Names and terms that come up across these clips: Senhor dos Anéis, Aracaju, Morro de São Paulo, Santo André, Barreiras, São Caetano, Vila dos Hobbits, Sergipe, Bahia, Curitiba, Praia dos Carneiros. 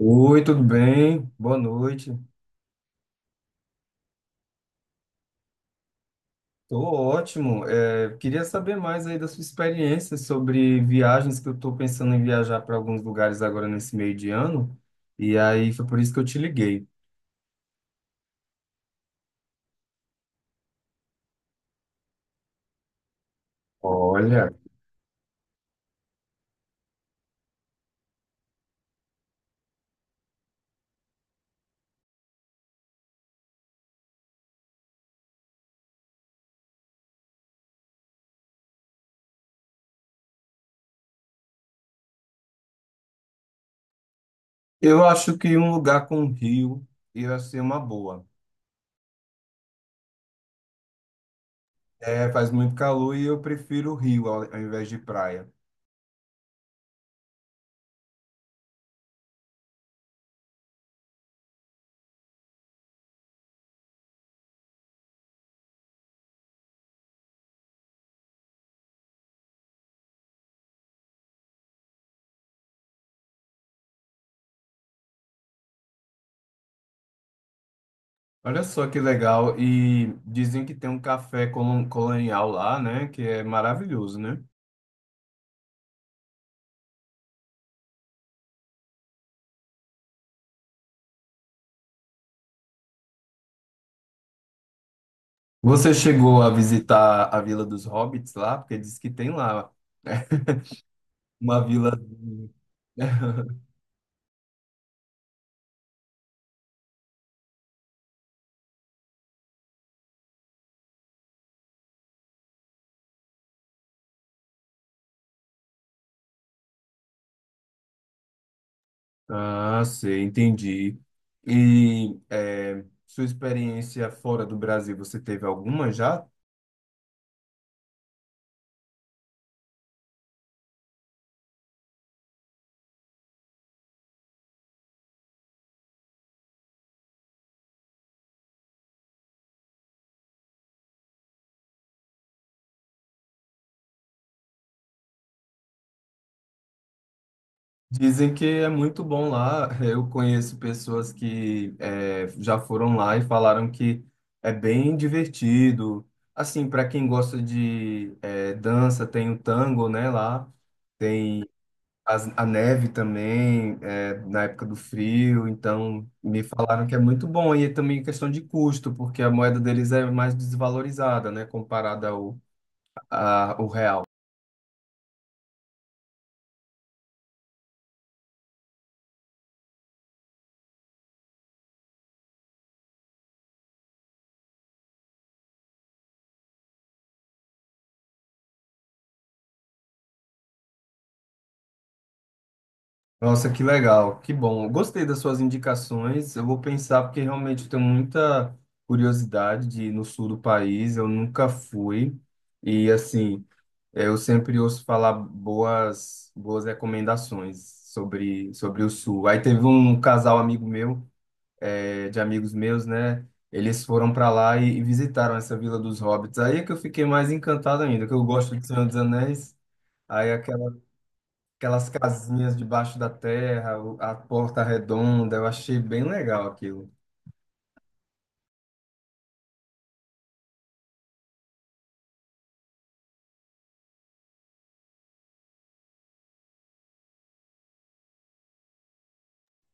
Oi, tudo bem? Boa noite. Tô ótimo. Queria saber mais aí da sua experiência sobre viagens, que eu estou pensando em viajar para alguns lugares agora nesse meio de ano. E aí foi por isso que eu te liguei. Olha, eu acho que um lugar com rio ia ser uma boa. É, faz muito calor e eu prefiro rio ao invés de praia. Olha só que legal. E dizem que tem um café colonial lá, né? Que é maravilhoso, né? Você chegou a visitar a Vila dos Hobbits lá? Porque diz que tem lá uma vila. Ah, sei, entendi. E sua experiência fora do Brasil, você teve alguma já? Dizem que é muito bom lá. Eu conheço pessoas que já foram lá e falaram que é bem divertido. Assim, para quem gosta de dança, tem o tango, né, lá. Tem a neve também, na época do frio, então me falaram que é muito bom. E também questão de custo, porque a moeda deles é mais desvalorizada, né, comparada ao real. Nossa, que legal, que bom. Gostei das suas indicações. Eu vou pensar, porque realmente eu tenho muita curiosidade de ir no sul do país, eu nunca fui. E assim, eu sempre ouço falar boas recomendações sobre o sul. Aí teve um casal amigo meu de amigos meus, né? Eles foram para lá e visitaram essa Vila dos Hobbits. Aí é que eu fiquei mais encantado ainda, que eu gosto de Senhor dos Anéis. Aí aquela, aquelas casinhas debaixo da terra, a porta redonda, eu achei bem legal aquilo.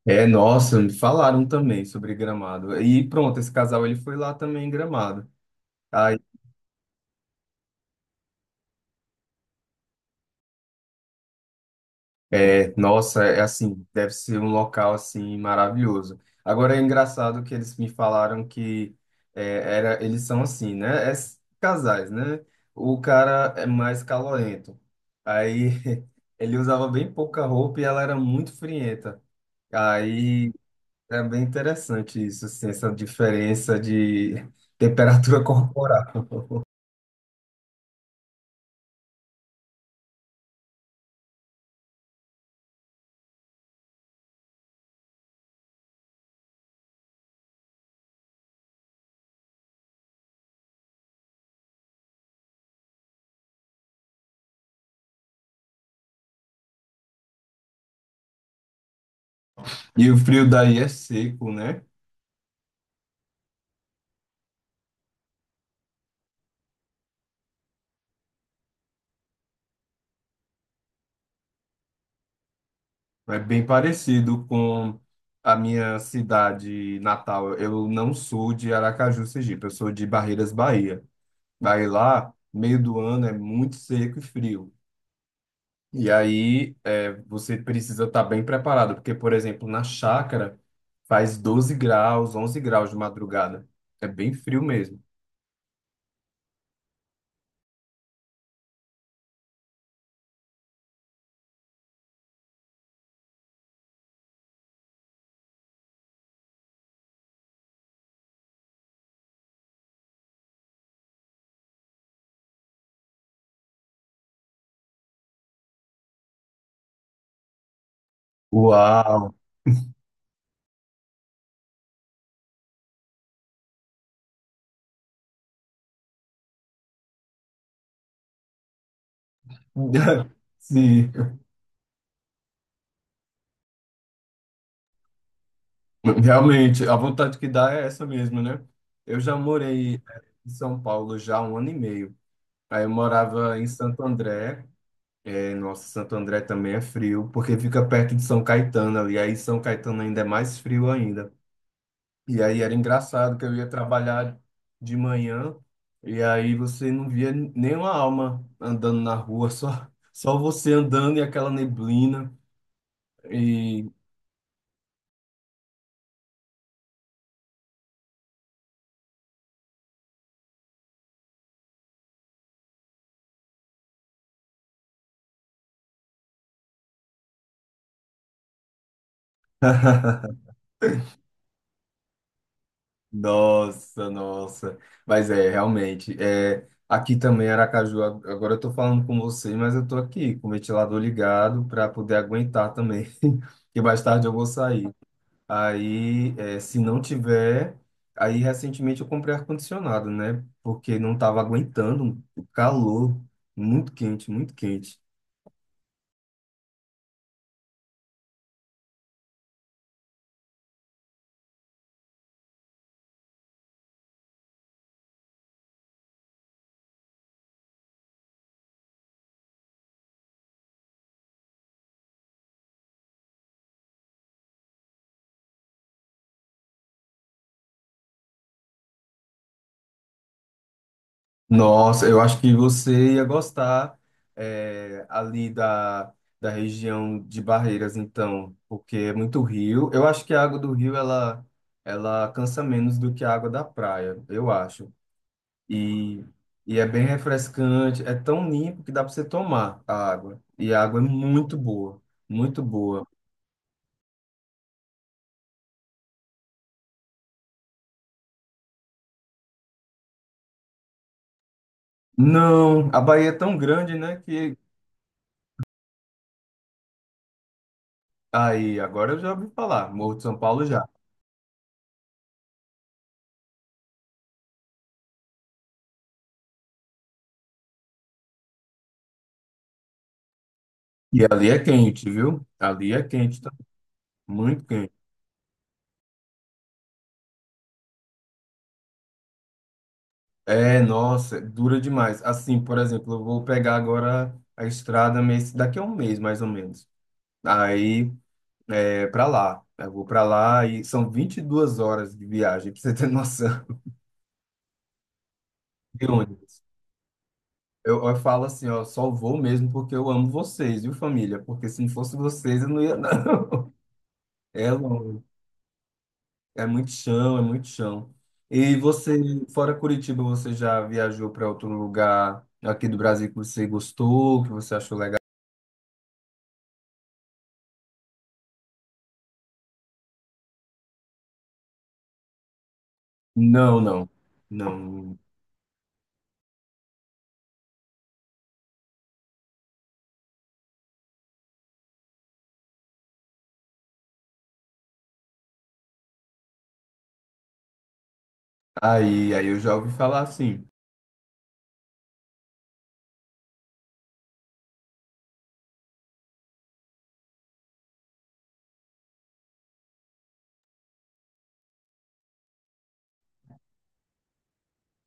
É, nossa, me falaram também sobre Gramado. E pronto, esse casal ele foi lá também em Gramado. É, nossa, é assim, deve ser um local assim maravilhoso. Agora é engraçado que eles me falaram que era, eles são assim, né? Casais, né? O cara é mais calorento. Aí ele usava bem pouca roupa e ela era muito frienta. Aí é bem interessante isso, assim, essa diferença de temperatura corporal. E o frio daí é seco, né? É bem parecido com a minha cidade natal. Eu não sou de Aracaju, Sergipe, eu sou de Barreiras, Bahia. Aí lá, meio do ano é muito seco e frio. E aí você precisa estar bem preparado, porque, por exemplo, na chácara faz 12 graus, 11 graus de madrugada. É bem frio mesmo. Uau! Sim, realmente, a vontade que dá é essa mesmo, né? Eu já morei em São Paulo já há um ano e meio. Aí eu morava em Santo André. É, nossa, Santo André também é frio, porque fica perto de São Caetano ali. Aí São Caetano ainda é mais frio ainda. E aí era engraçado que eu ia trabalhar de manhã e aí você não via nenhuma alma andando na rua, só você andando e aquela neblina. E nossa, nossa. Mas é, realmente. É, aqui também, Aracaju, agora eu tô falando com você, mas eu tô aqui com o ventilador ligado para poder aguentar também, que mais tarde eu vou sair. Aí, é, se não tiver. Aí, recentemente, eu comprei ar-condicionado, né? Porque não tava aguentando o calor, muito quente, muito quente. Nossa, eu acho que você ia gostar ali da região de Barreiras, então, porque é muito rio. Eu acho que a água do rio ela cansa menos do que a água da praia, eu acho. E, e é bem refrescante, é tão limpo que dá para você tomar a água. E a água é muito boa, muito boa. Não, a Bahia é tão grande, né, que aí agora eu já ouvi falar, Morro de São Paulo já. E ali é quente, viu? Ali é quente também, muito quente. É, nossa, dura demais. Assim, por exemplo, eu vou pegar agora a estrada mês, daqui a um mês, mais ou menos. Aí é para lá. Eu vou para lá e são 22 horas de viagem, pra você ter noção. De ônibus. Eu falo assim, ó, só vou mesmo porque eu amo vocês, viu, família? Porque se não fosse vocês, eu não ia, não. É longe. É muito chão, é muito chão. E você, fora Curitiba, você já viajou para outro lugar aqui do Brasil que você gostou, que você achou legal? Não, não. Não. Aí, eu já ouvi falar assim.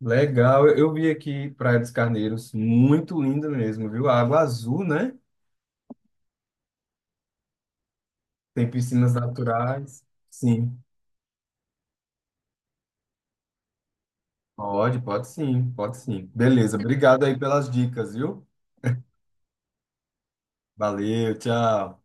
Legal, eu vi aqui Praia dos Carneiros, muito linda mesmo, viu? A água azul, né? Tem piscinas naturais. Sim. Pode, pode sim, pode sim. Beleza, obrigado aí pelas dicas, viu? Valeu, tchau.